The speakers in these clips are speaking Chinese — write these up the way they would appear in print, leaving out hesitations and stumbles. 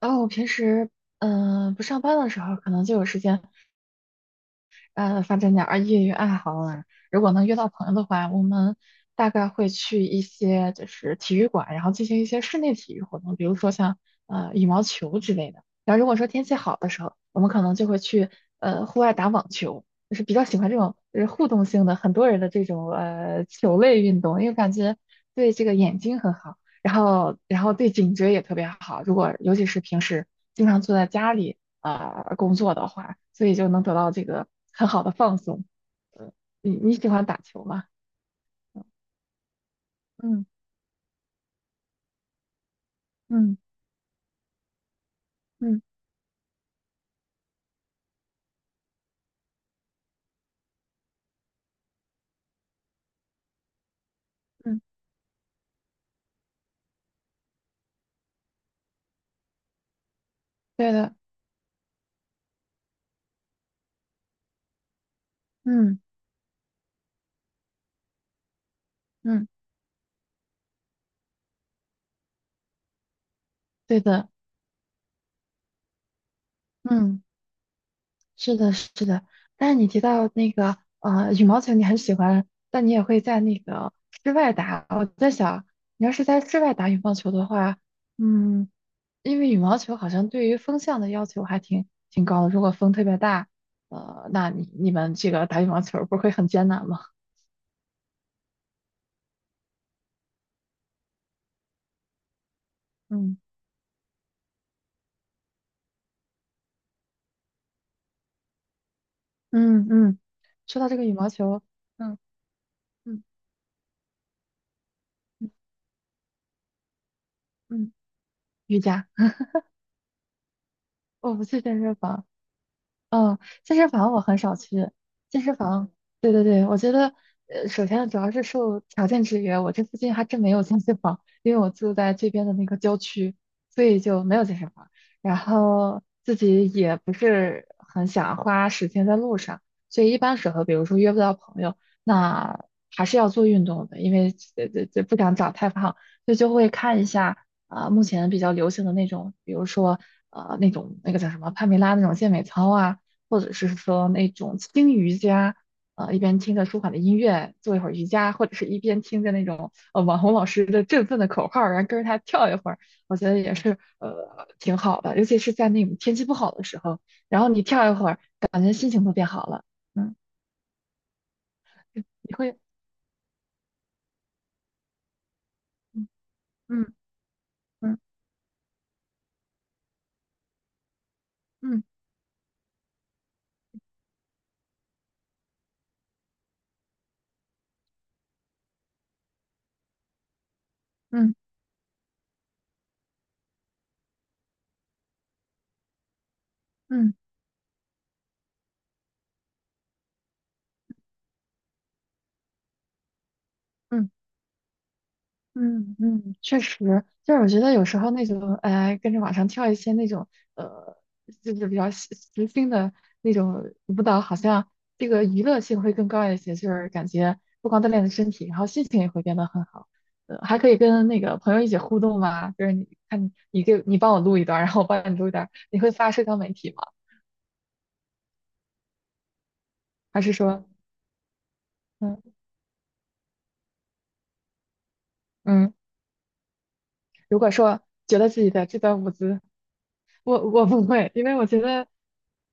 然后我平时不上班的时候，可能就有时间，发展点儿业余爱好啊。如果能约到朋友的话，我们大概会去一些就是体育馆，然后进行一些室内体育活动，比如说像羽毛球之类的。然后如果说天气好的时候，我们可能就会去户外打网球，就是比较喜欢这种就是互动性的很多人的这种球类运动，因为感觉对这个眼睛很好，然后对颈椎也特别好。如果尤其是平时经常坐在家里。啊，工作的话，所以就能得到这个很好的放松。嗯，你喜欢打球吗？嗯嗯嗯嗯，对的，嗯嗯对的，嗯，是的，是的，但是你提到那个羽毛球，你很喜欢，但你也会在那个室外打。我在想，你要是在室外打羽毛球的话，嗯，因为羽毛球好像对于风向的要求还挺高的。如果风特别大，那你们这个打羽毛球不会很艰难吗？嗯。嗯嗯，说到这个羽毛球，嗯嗯嗯嗯，瑜伽，我不去健身房。嗯，健身房我很少去。健身房，对对对，我觉得，首先主要是受条件制约，我这附近还真没有健身房，因为我住在这边的那个郊区，所以就没有健身房。然后自己也不是很想花时间在路上，所以一般时候，比如说约不到朋友，那还是要做运动的，因为这不想长太胖，所以就会看一下目前比较流行的那种，比如说。那种那个叫什么帕梅拉那种健美操啊，或者是说那种轻瑜伽，一边听着舒缓的音乐做一会儿瑜伽，或者是一边听着那种网红老师的振奋的口号，然后跟着他跳一会儿，我觉得也是挺好的，尤其是在那种天气不好的时候，然后你跳一会儿，感觉心情都变好了，嗯，你会，嗯嗯嗯嗯嗯嗯嗯。嗯嗯嗯嗯，确实，就是我觉得有时候那种，哎，跟着网上跳一些那种，呃，就是比较时心的那种舞蹈，好像这个娱乐性会更高一些，就是感觉不光锻炼了身体，然后心情也会变得很好，还可以跟那个朋友一起互动嘛，就是你看你帮我录一段儿然后我帮你录一段儿你会发社交媒体吗？还是说，嗯嗯如果说觉得自己的这段舞姿，我不会，因为我觉得，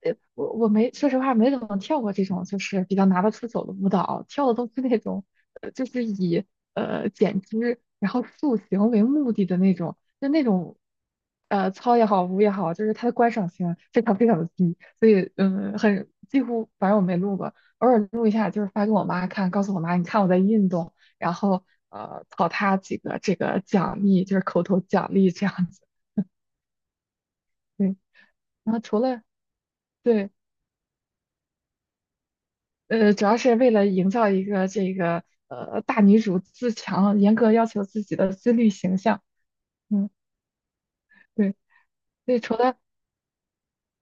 我没说实话没怎么跳过这种就是比较拿得出手的舞蹈，跳的都是那种，就是以减脂然后塑形为目的的那种，就那种，操也好，舞也好，就是它的观赏性非常非常的低，所以嗯，很几乎反正我没录过，偶尔录一下，就是发给我妈看，告诉我妈你看我在运动。然后考他几个这个奖励，就是口头奖励这样子。对，然后除了对，主要是为了营造一个这个大女主自强、严格要求自己的自律形象。嗯，对，所以除了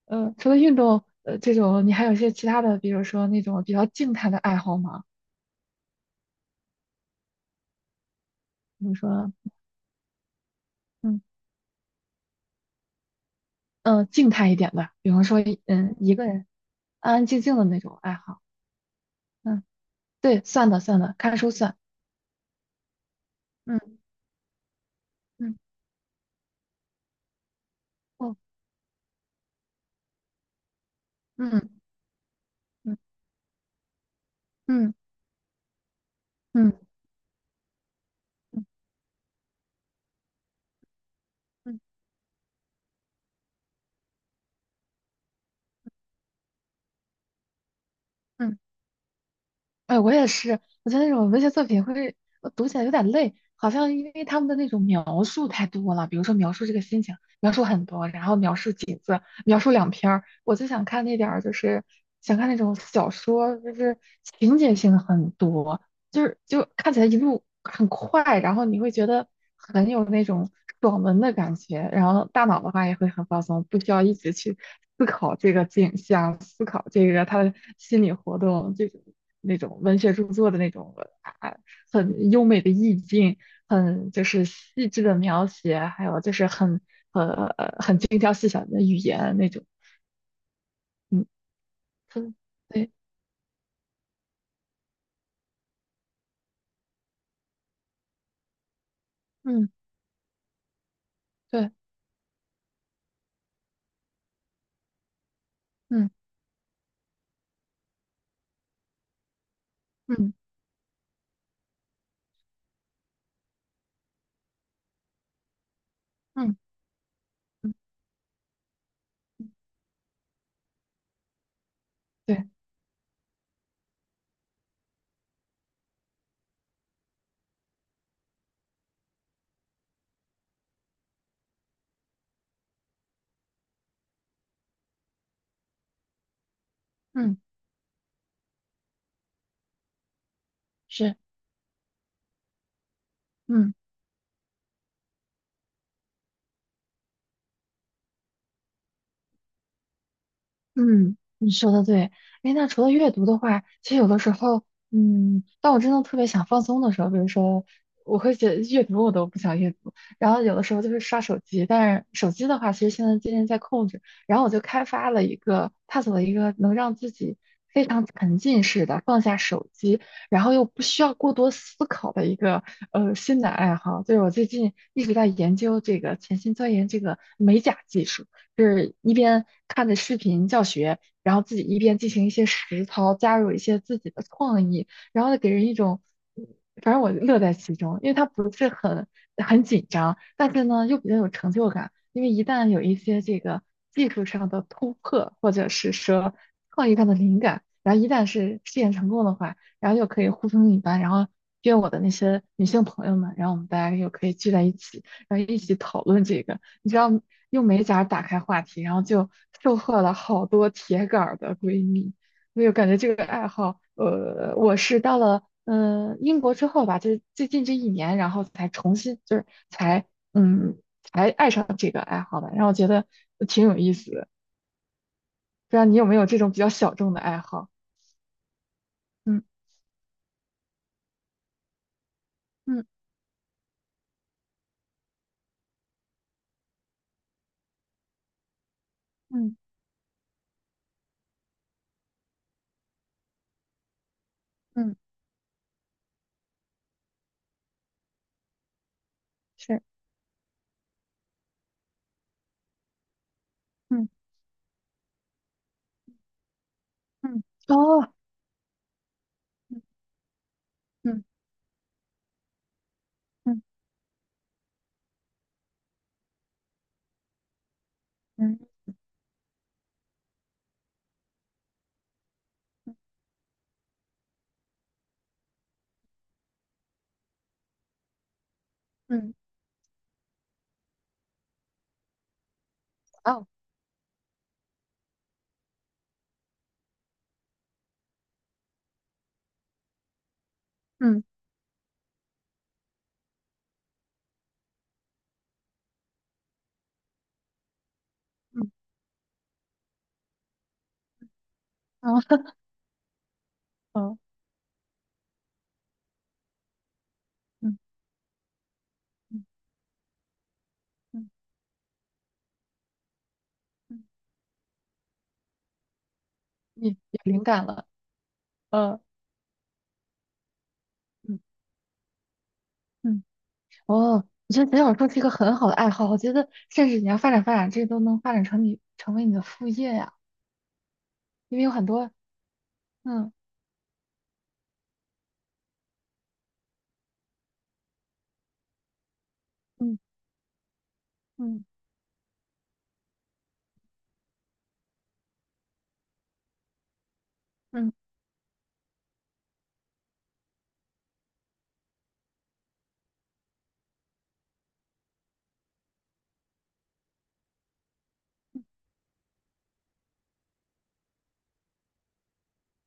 运动这种，你还有一些其他的，比如说那种比较静态的爱好吗？比如说嗯静态一点的，比方说一个人安安静静的那种爱好。嗯，对，算的算的，看书算。嗯嗯哦嗯。嗯嗯嗯嗯嗯嗯，哎，我也是，我觉得那种文学作品会读起来有点累，好像因为他们的那种描述太多了，比如说描述这个心情，描述很多，然后描述景次，描述两篇儿，我就想看那点儿，想看那种小说，就是情节性很多，就是就看起来一路很快，然后你会觉得很有那种爽文的感觉，然后大脑的话也会很放松，不需要一直去思考这个景象，思考这个他的心理活动，这种那种文学著作的那种啊，很优美的意境，很就是细致的描写，还有就是很呃很精挑细选的语言那种，嗯，嗯对，嗯对，嗯嗯嗯嗯，对，嗯是。嗯嗯，你说的对。哎，那除了阅读的话，其实有的时候，嗯，当我真的特别想放松的时候，比如说，我会觉得阅读我都不想阅读，然后有的时候就是刷手机，但是手机的话，其实现在渐渐在控制。然后我就开发了一个，探索了一个能让自己非常沉浸式的放下手机，然后又不需要过多思考的一个新的爱好，就是我最近一直在研究这个潜心钻研这个美甲技术。是一边看着视频教学，然后自己一边进行一些实操，加入一些自己的创意，然后给人一种，嗯反正我乐在其中，因为它不是很紧张，但是呢又比较有成就感，因为一旦有一些这个技术上的突破，或者是说创意上的灵感，然后一旦是试验成功的话，然后又可以呼朋引伴，然后约我的那些女性朋友们，然后我们大家又可以聚在一起。然后一起讨论这个，你知道，用美甲打开话题，然后就收获了好多铁杆儿的闺蜜。所以我感觉这个爱好，我是到了英国之后吧，就是最近这一年，然后才重新就是才嗯爱上这个爱好的，然后我觉得挺有意思的。不知道你有没有这种比较小众的爱好？嗯嗯嗯嗯，是，嗯嗯哦，嗯嗯嗯嗯嗯嗯哦，嗯嗯，哦 哦嗯嗯嗯嗯。你有灵感了，嗯嗯嗯，哦，我觉得写小说是一个很好的爱好，我觉得甚至你要发展发展，这都能发展成成为你的副业呀，因为有很多，嗯嗯嗯嗯，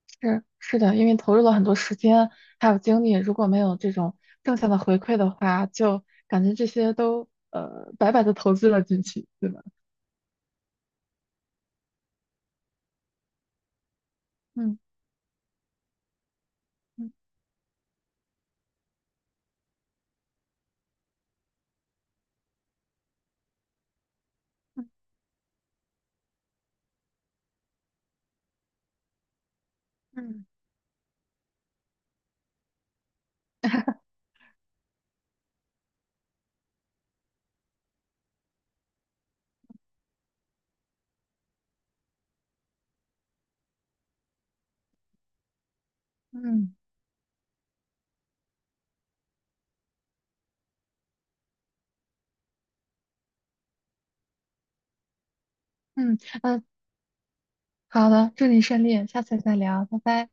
是是的，因为投入了很多时间还有精力，如果没有这种正向的回馈的话，就感觉这些都白白的投资了进去，对吧？嗯嗯嗯嗯嗯嗯，嗯好的，祝你顺利，下次再聊，拜拜。